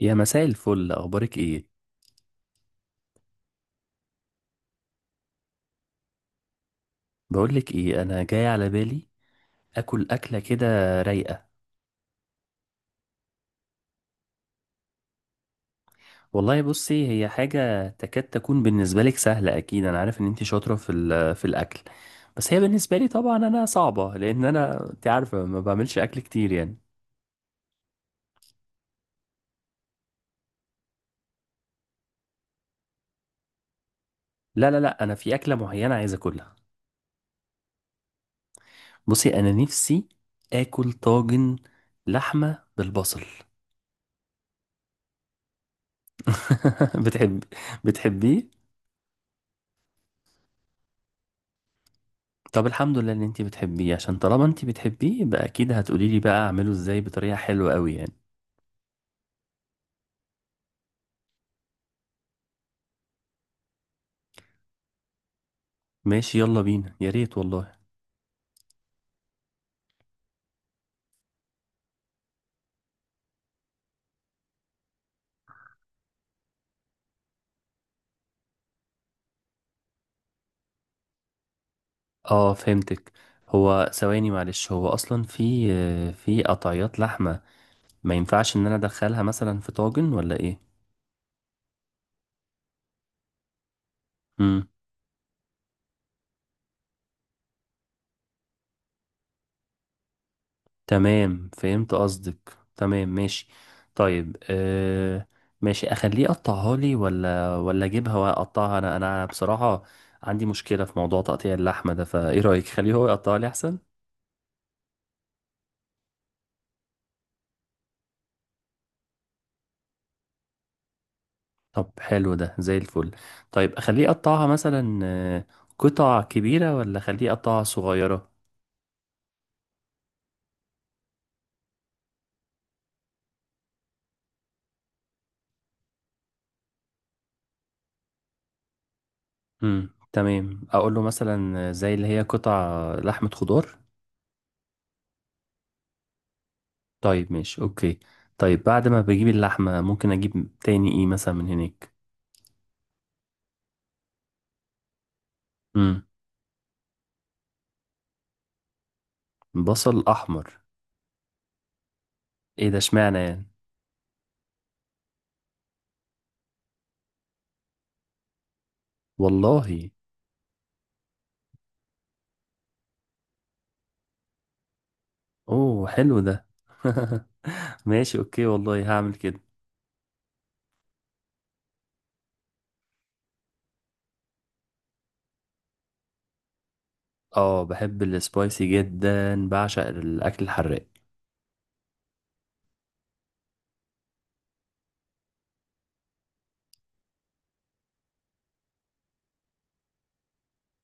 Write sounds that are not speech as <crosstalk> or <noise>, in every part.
يا مساء الفل، اخبارك ايه؟ بقولك ايه، انا جاي على بالي اكل اكله كده رايقه. والله بصي، هي حاجه تكاد تكون بالنسبه لك سهله، اكيد انا عارف ان انت شاطره في الاكل. بس هي بالنسبه لي طبعا انا صعبه، لان انا انت عارفه ما بعملش اكل كتير يعني. لا، لا، لا، انا في اكله معينه عايز اكلها. بصي، انا نفسي اكل طاجن لحمه بالبصل. <laughs> بتحب بتحبيه؟ طب الحمد لله ان انتي بتحبيه، عشان طالما انتي بتحبيه يبقى اكيد هتقولي لي بقى اعمله ازاي بطريقة حلوة قوي يعني. ماشي، يلا بينا يا ريت والله. اه، فهمتك. هو ثواني معلش، هو اصلا في في قطعيات لحمة. ما ينفعش ان انا ادخلها مثلا في طاجن ولا ايه؟ امم. تمام، فهمت قصدك، تمام، ماشي. طيب، ماشي. اخليه يقطعها لي ولا اجيبها واقطعها انا، بصراحة عندي مشكلة في موضوع تقطيع اللحمة ده، فايه رأيك؟ خليه هو يقطعها لي احسن. طب حلو ده زي الفل. طيب اخليه يقطعها مثلا قطع كبيرة ولا اخليه يقطعها صغيرة؟ امم، تمام، اقول له مثلا زي اللي هي قطع لحمة خضار. طيب، ماشي، اوكي. طيب، بعد ما بجيب اللحمة ممكن اجيب تاني ايه مثلا من هناك؟ امم. بصل احمر. ايه ده؟ اشمعنى يعني؟ والله. اوه، حلو ده. <laughs> ماشي، اوكي، والله هعمل كده. اه، بحب السبايسي جدا، بعشق الاكل الحراق.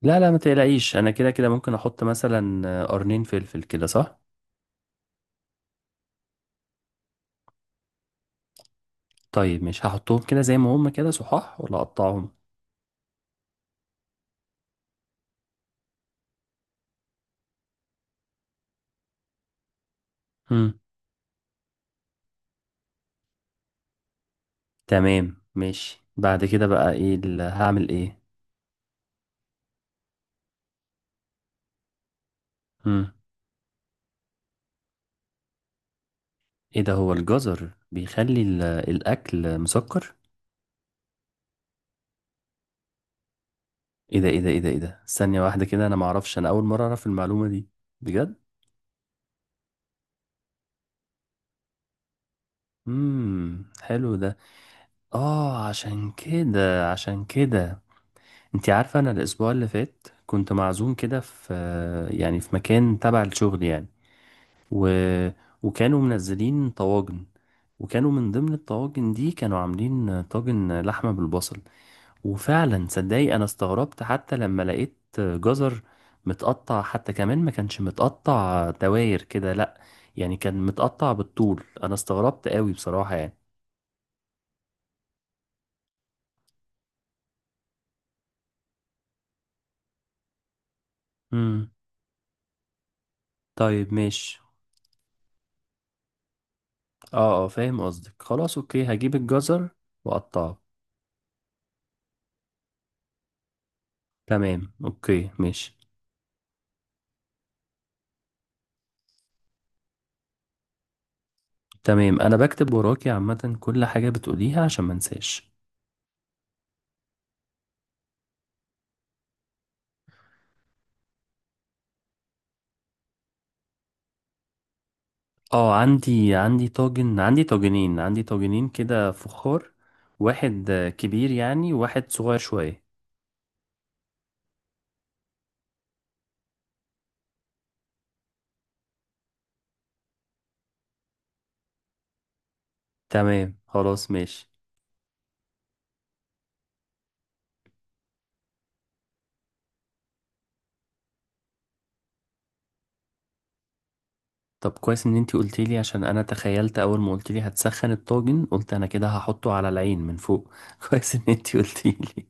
لا، لا، ما تقلقيش، انا كده كده ممكن احط مثلا قرنين فلفل كده، صح؟ طيب مش هحطهم كده زي ما هم كده صحاح ولا اقطعهم؟ امم، تمام، ماشي. بعد كده بقى ايه، هعمل ايه؟ امم. ايه ده؟ هو الجزر بيخلي الاكل مسكر؟ ايه ده، ايه ده، ايه ده، ايه ده، ثانية واحدة كده، انا معرفش، انا اول مرة اعرف المعلومة دي، بجد. حلو ده. اه، عشان كده عشان كده، انت عارفة انا الاسبوع اللي فات كنت معزوم كده في، يعني في مكان تبع الشغل يعني، و... وكانوا منزلين طواجن، وكانوا من ضمن الطواجن دي كانوا عاملين طاجن لحمة بالبصل. وفعلا صدقي، انا استغربت حتى لما لقيت جزر متقطع، حتى كمان ما كانش متقطع دواير كده، لا، يعني كان متقطع بالطول، انا استغربت قوي بصراحة يعني. امم طيب، ماشي. اه، اه، فاهم قصدك. خلاص، اوكي، هجيب الجزر واقطعه. تمام، اوكي، ماشي. تمام، انا بكتب وراكي عامة كل حاجة بتقوليها عشان ما انساش. اه، عندي طاجن، عندي طاجنين كده فخار. واحد كبير يعني، وواحد صغير شوية. تمام، خلاص، ماشي. طب كويس ان انتي قلتيلي، عشان انا تخيلت اول ما قلتيلي هتسخن الطاجن، قلت انا كده هحطه على العين من فوق. <laughs> كويس ان انتي قلتيلي.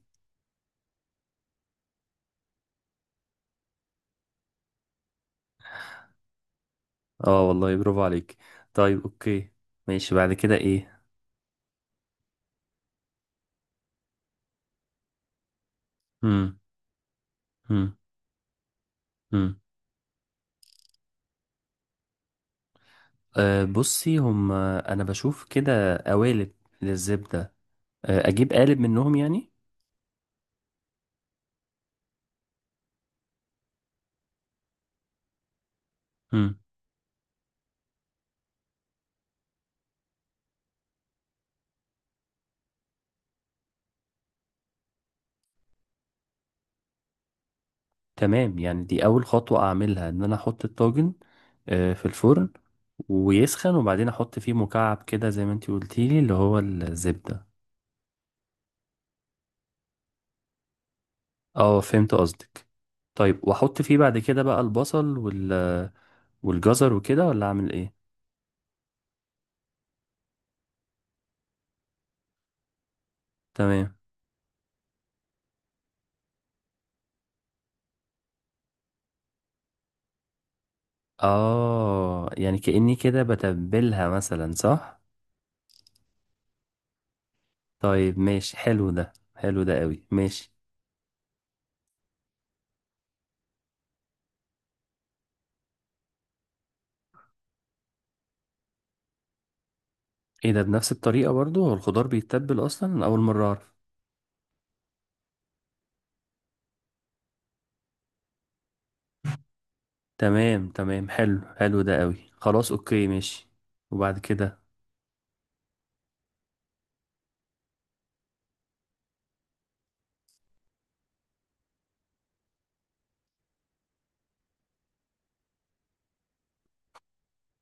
اه والله، برافو عليك. طيب، اوكي. ماشي، بعد كده ايه؟ امم أه، بصي، هم انا بشوف كده قوالب للزبدة. أه، اجيب قالب منهم يعني؟ مم. تمام، يعني دي اول خطوة اعملها، ان انا احط الطاجن في الفرن، ويسخن، وبعدين احط فيه مكعب كده زي ما انتي قلتيلي اللي هو الزبدة. اه، فهمت قصدك. طيب واحط فيه بعد كده بقى البصل والجزر وكده، ولا اعمل ايه؟ تمام. اه، يعني كأني كده بتبلها مثلا، صح؟ طيب ماشي، حلو ده، حلو ده قوي، ماشي. ايه ده؟ بنفس الطريقة برضو؟ هو الخضار بيتبل اصلا؟ أنا اول مرة اعرف. تمام تمام، حلو حلو ده قوي، خلاص، اوكي، ماشي. وبعد كده.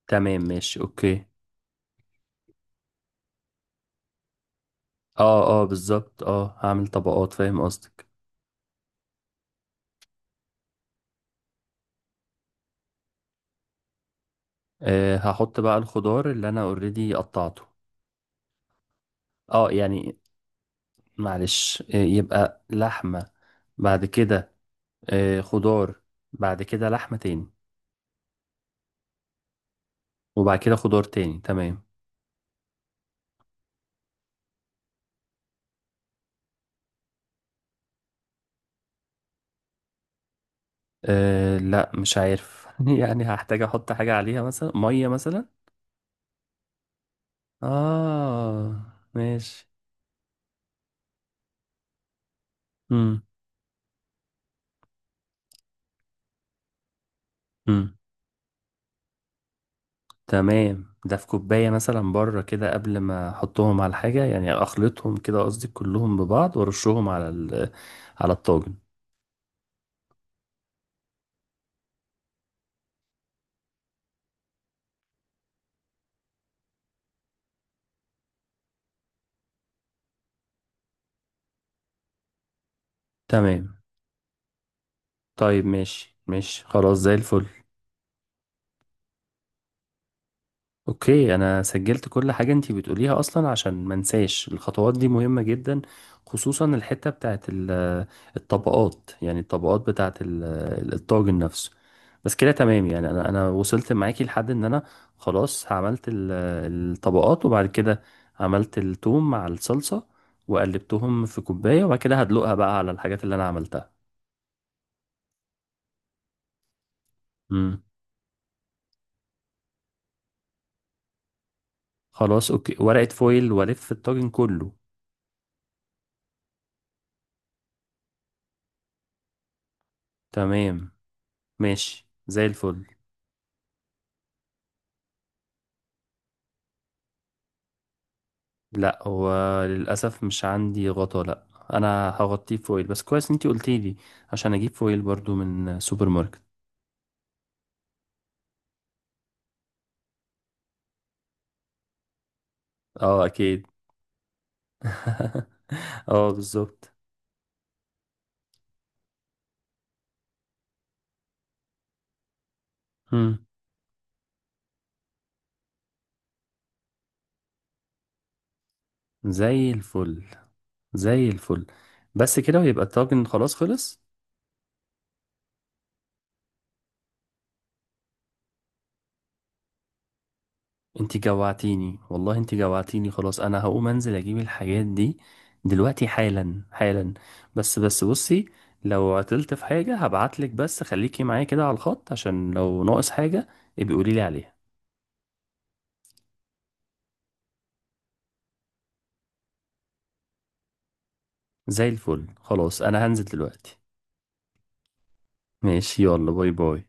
تمام، ماشي، اوكي. اه، اه، بالظبط، اه هعمل طبقات، فاهم قصدك. هحط بقى الخضار اللي انا اوريدي قطعته. اه يعني، معلش، يبقى لحمة، بعد كده، خضار، بعد كده لحمة تاني، وبعد كده خضار تاني، تمام. لا، مش عارف. <laughs> يعني هحتاج احط حاجة عليها مثلا، مية مثلا. اه. ماشي. امم امم تمام، ده في كوباية مثلا بره كده قبل ما احطهم على حاجة يعني، اخلطهم كده قصدي كلهم ببعض، وارشهم على الطاجن. تمام. طيب، ماشي ماشي، خلاص زي الفل. اوكي، انا سجلت كل حاجة انتي بتقوليها اصلا عشان ما انساش، الخطوات دي مهمة جدا، خصوصا الحتة بتاعت الطبقات يعني، الطبقات بتاعت الطاجن نفسه. بس كده تمام يعني، انا وصلت معاكي لحد ان انا خلاص عملت الطبقات، وبعد كده عملت التوم مع الصلصة، وقلبتهم في كوباية، وبعد كده هدلقها بقى على الحاجات اللي انا عملتها. امم خلاص، اوكي، ورقة فويل والف الطاجن كله. تمام، ماشي، زي الفل. لا، هو للأسف مش عندي غطا، لا. أنا هغطيه فويل، بس كويس أنتي قلتي لي، عشان أجيب فويل برضو من سوبر ماركت. اه، أكيد. <laughs> اه، بالظبط. مم. زي الفل، زي الفل. بس كده ويبقى الطاجن خلاص خلص. أنتي جوعتيني والله، أنتي جوعتيني، خلاص أنا هقوم أنزل أجيب الحاجات دي دلوقتي، حالا حالا. بس بس، بصي، لو عطلت في حاجة هبعتلك، بس خليكي معايا كده على الخط عشان لو ناقص حاجة ابقي قوليلي عليها. زي الفل، خلاص انا هنزل دلوقتي. ماشي، يلا، باي باي.